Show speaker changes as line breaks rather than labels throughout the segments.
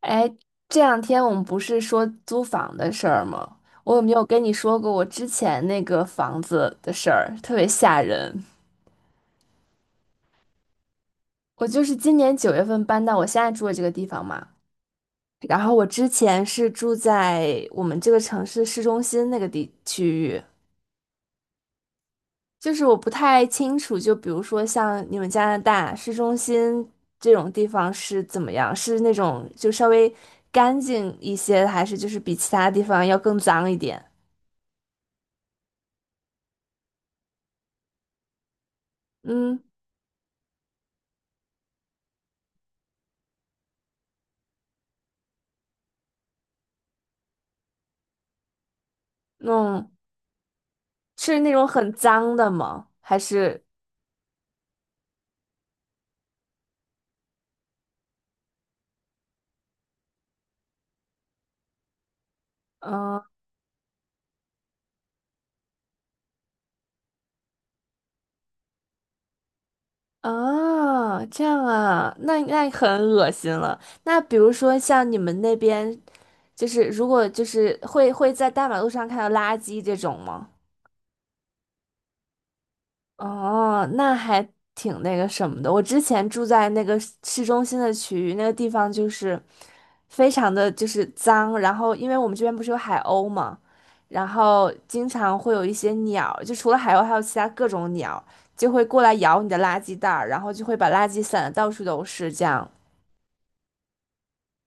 哎，这两天我们不是说租房的事儿吗？我有没有跟你说过我之前那个房子的事儿，特别吓人。我就是今年九月份搬到我现在住的这个地方嘛，然后我之前是住在我们这个城市市中心那个地区域，就是我不太清楚，就比如说像你们加拿大市中心这种地方是怎么样，是那种就稍微干净一些，还是就是比其他地方要更脏一点？嗯。嗯，是那种很脏的吗？还是嗯啊，这样啊，那很恶心了。那比如说像你们那边，就是如果就是会在大马路上看到垃圾这种吗？哦，那还挺那个什么的。我之前住在那个市中心的区域，那个地方就是非常的就是脏，然后因为我们这边不是有海鸥嘛，然后经常会有一些鸟，就除了海鸥还有其他各种鸟，就会过来咬你的垃圾袋儿，然后就会把垃圾散的到处都是这样。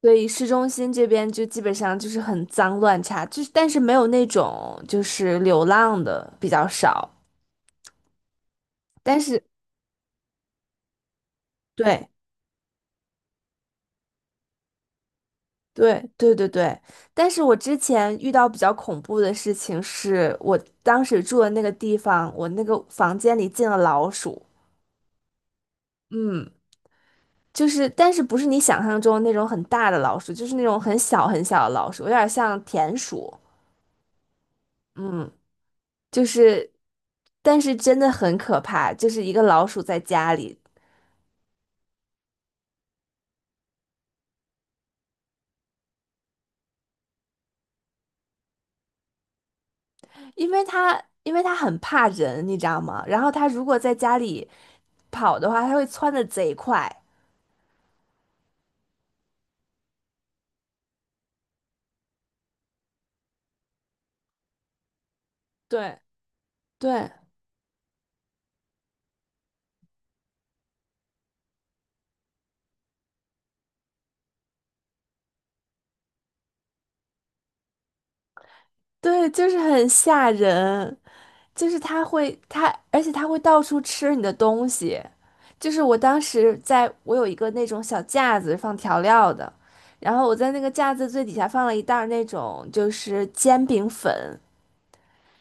所以市中心这边就基本上就是很脏乱差，就是但是没有那种就是流浪的比较少，但是对。对，但是我之前遇到比较恐怖的事情是，我当时住的那个地方，我那个房间里进了老鼠。嗯，就是，但是不是你想象中那种很大的老鼠，就是那种很小的老鼠，有点像田鼠。嗯，就是，但是真的很可怕，就是一个老鼠在家里，因为它很怕人，你知道吗？然后它如果在家里跑的话，它会窜的贼快。对对，对，就是很吓人，就是它会它，而且它会到处吃你的东西。就是我当时在，我有一个那种小架子放调料的，然后我在那个架子最底下放了一袋儿那种就是煎饼粉，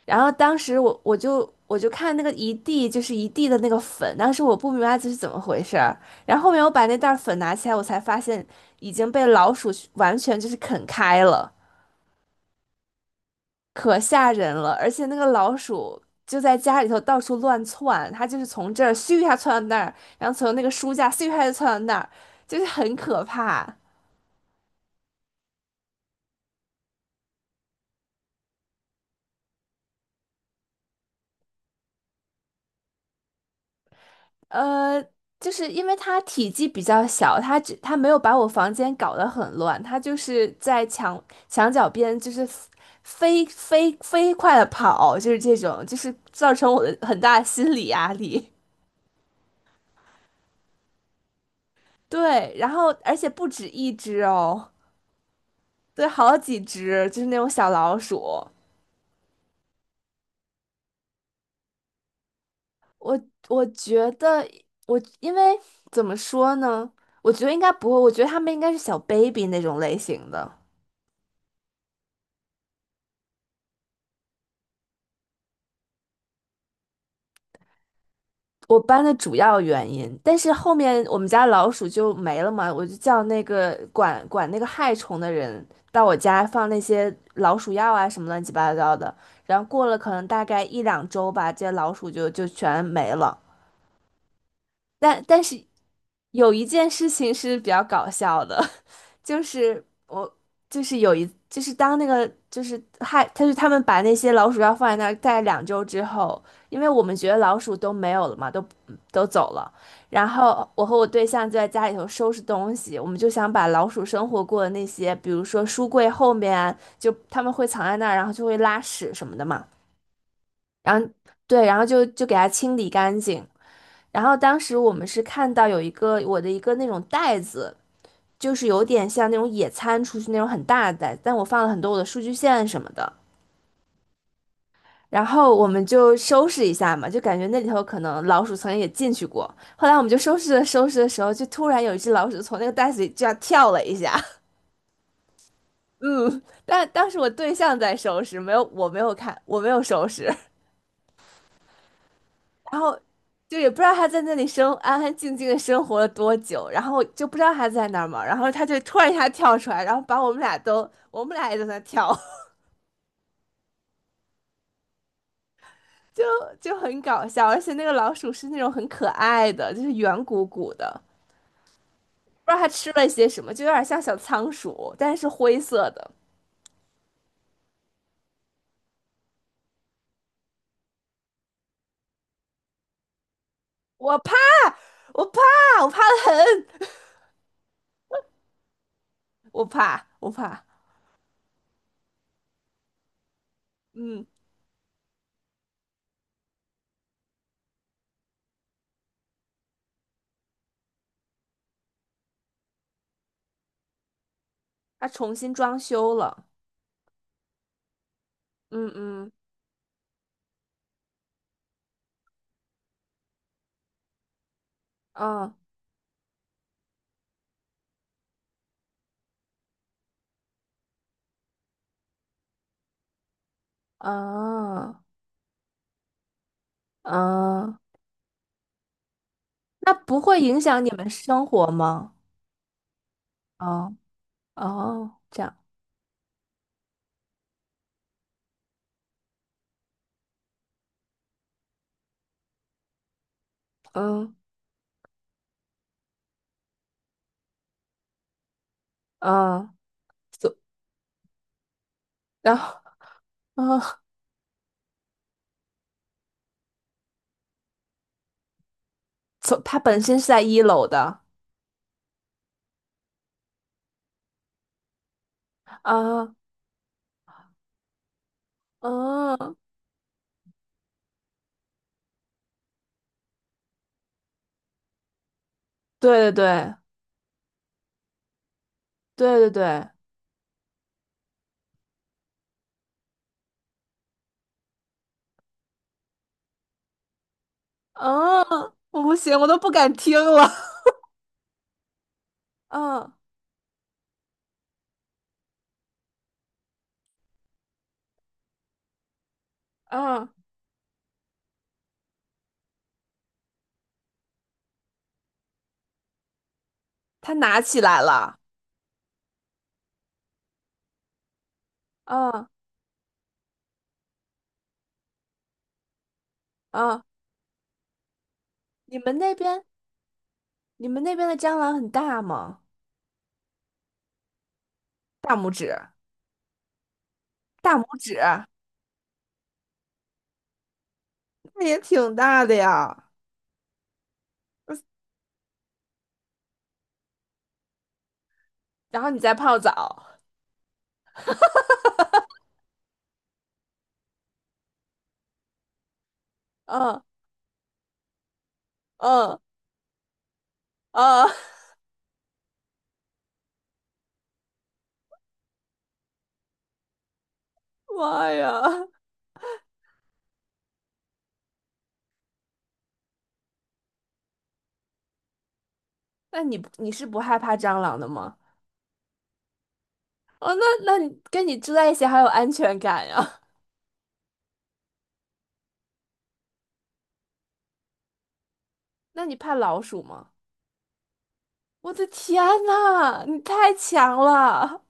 然后当时我就看那个一地就是一地的那个粉，当时我不明白这是怎么回事儿，然后后面我把那袋儿粉拿起来，我才发现已经被老鼠完全就是啃开了。可吓人了，而且那个老鼠就在家里头到处乱窜，它就是从这儿咻一下窜到那儿，然后从那个书架咻一下就窜到那儿，就是很可怕。呃，就是因为它体积比较小，它没有把我房间搞得很乱，它就是在墙角边就是飞快的跑，就是这种，就是造成我的很大的心理压力。对，然后而且不止一只哦。对，好几只，就是那种小老鼠。我我觉得我因为怎么说呢？我觉得应该不会，我觉得他们应该是小 baby 那种类型的。我搬的主要原因，但是后面我们家老鼠就没了嘛，我就叫那个管那个害虫的人到我家放那些老鼠药啊什么乱七八糟的，然后过了可能大概一两周吧，这些老鼠就全没了。但是有一件事情是比较搞笑的，就是我就是有一就是当那个就是害，他就他们把那些老鼠药放在那儿待两周之后，因为我们觉得老鼠都没有了嘛，都都走了，然后我和我对象就在家里头收拾东西，我们就想把老鼠生活过的那些，比如说书柜后面啊，就他们会藏在那儿，然后就会拉屎什么的嘛，然后对，然后就给它清理干净。然后当时我们是看到有一个我的一个那种袋子，就是有点像那种野餐出去那种很大的袋子，但我放了很多我的数据线什么的。然后我们就收拾一下嘛，就感觉那里头可能老鼠曾经也进去过。后来我们就收拾的时候，就突然有一只老鼠从那个袋子里这样跳了一下。嗯，但当时我对象在收拾，没有我没有看，我没有收拾。然后就也不知道他在那里生安安静静的生活了多久，然后就不知道他在那儿嘛，然后他就突然一下跳出来，然后把我们俩都，我们俩也在那跳，就就很搞笑，而且那个老鼠是那种很可爱的，就是圆鼓鼓的，不知道它吃了些什么，就有点像小仓鼠，但是灰色的。我怕，我怕，我怕的很，我怕，我怕，嗯，它重新装修了，嗯嗯，嗯嗯嗯。那不会影响你们生活吗？哦哦，这样，嗯嗯，所然后嗯，所他本身是在一楼的啊，嗯，对对对，嗯，我不行，我都不敢听了，嗯嗯，他拿起来了，嗯嗯，你们那边你们那边的蟑螂很大吗？大拇指，大拇指，那也挺大的呀。然后你再泡澡，嗯嗯。啊，妈呀！那你是不害怕蟑螂的吗？哦，那那你跟你住在一起好有安全感呀。那你怕老鼠吗？我的天呐，你太强了！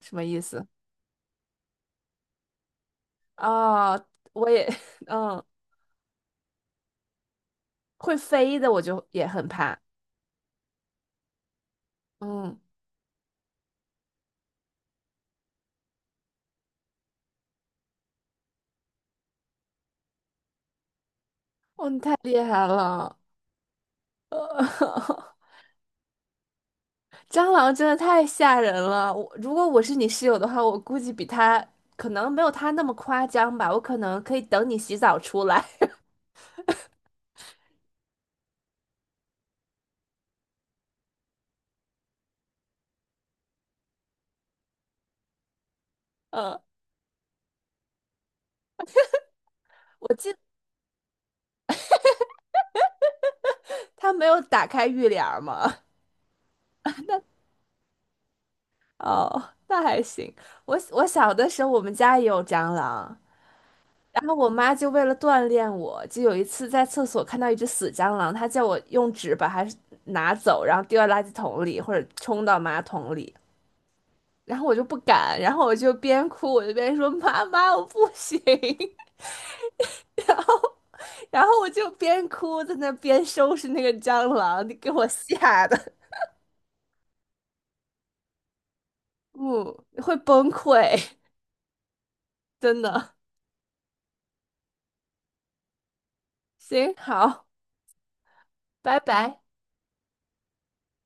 什么意思？啊、我也，嗯，会飞的我就也很怕。嗯，哦，你太厉害了！蟑螂真的太吓人了。如果我是你室友的话，我估计比他可能没有他那么夸张吧，我可能可以等你洗澡出来。嗯。我记得他没有打开浴帘儿吗？哦，那还行。我小的时候，我们家也有蟑螂，然后我妈就为了锻炼我，就有一次在厕所看到一只死蟑螂，她叫我用纸把它拿走，然后丢到垃圾桶里或者冲到马桶里，然后我就不敢，然后我就边哭边说妈妈我不行，然后我就边哭在那边收拾那个蟑螂，你给我吓的，嗯，会崩溃，真的。行，好。拜拜。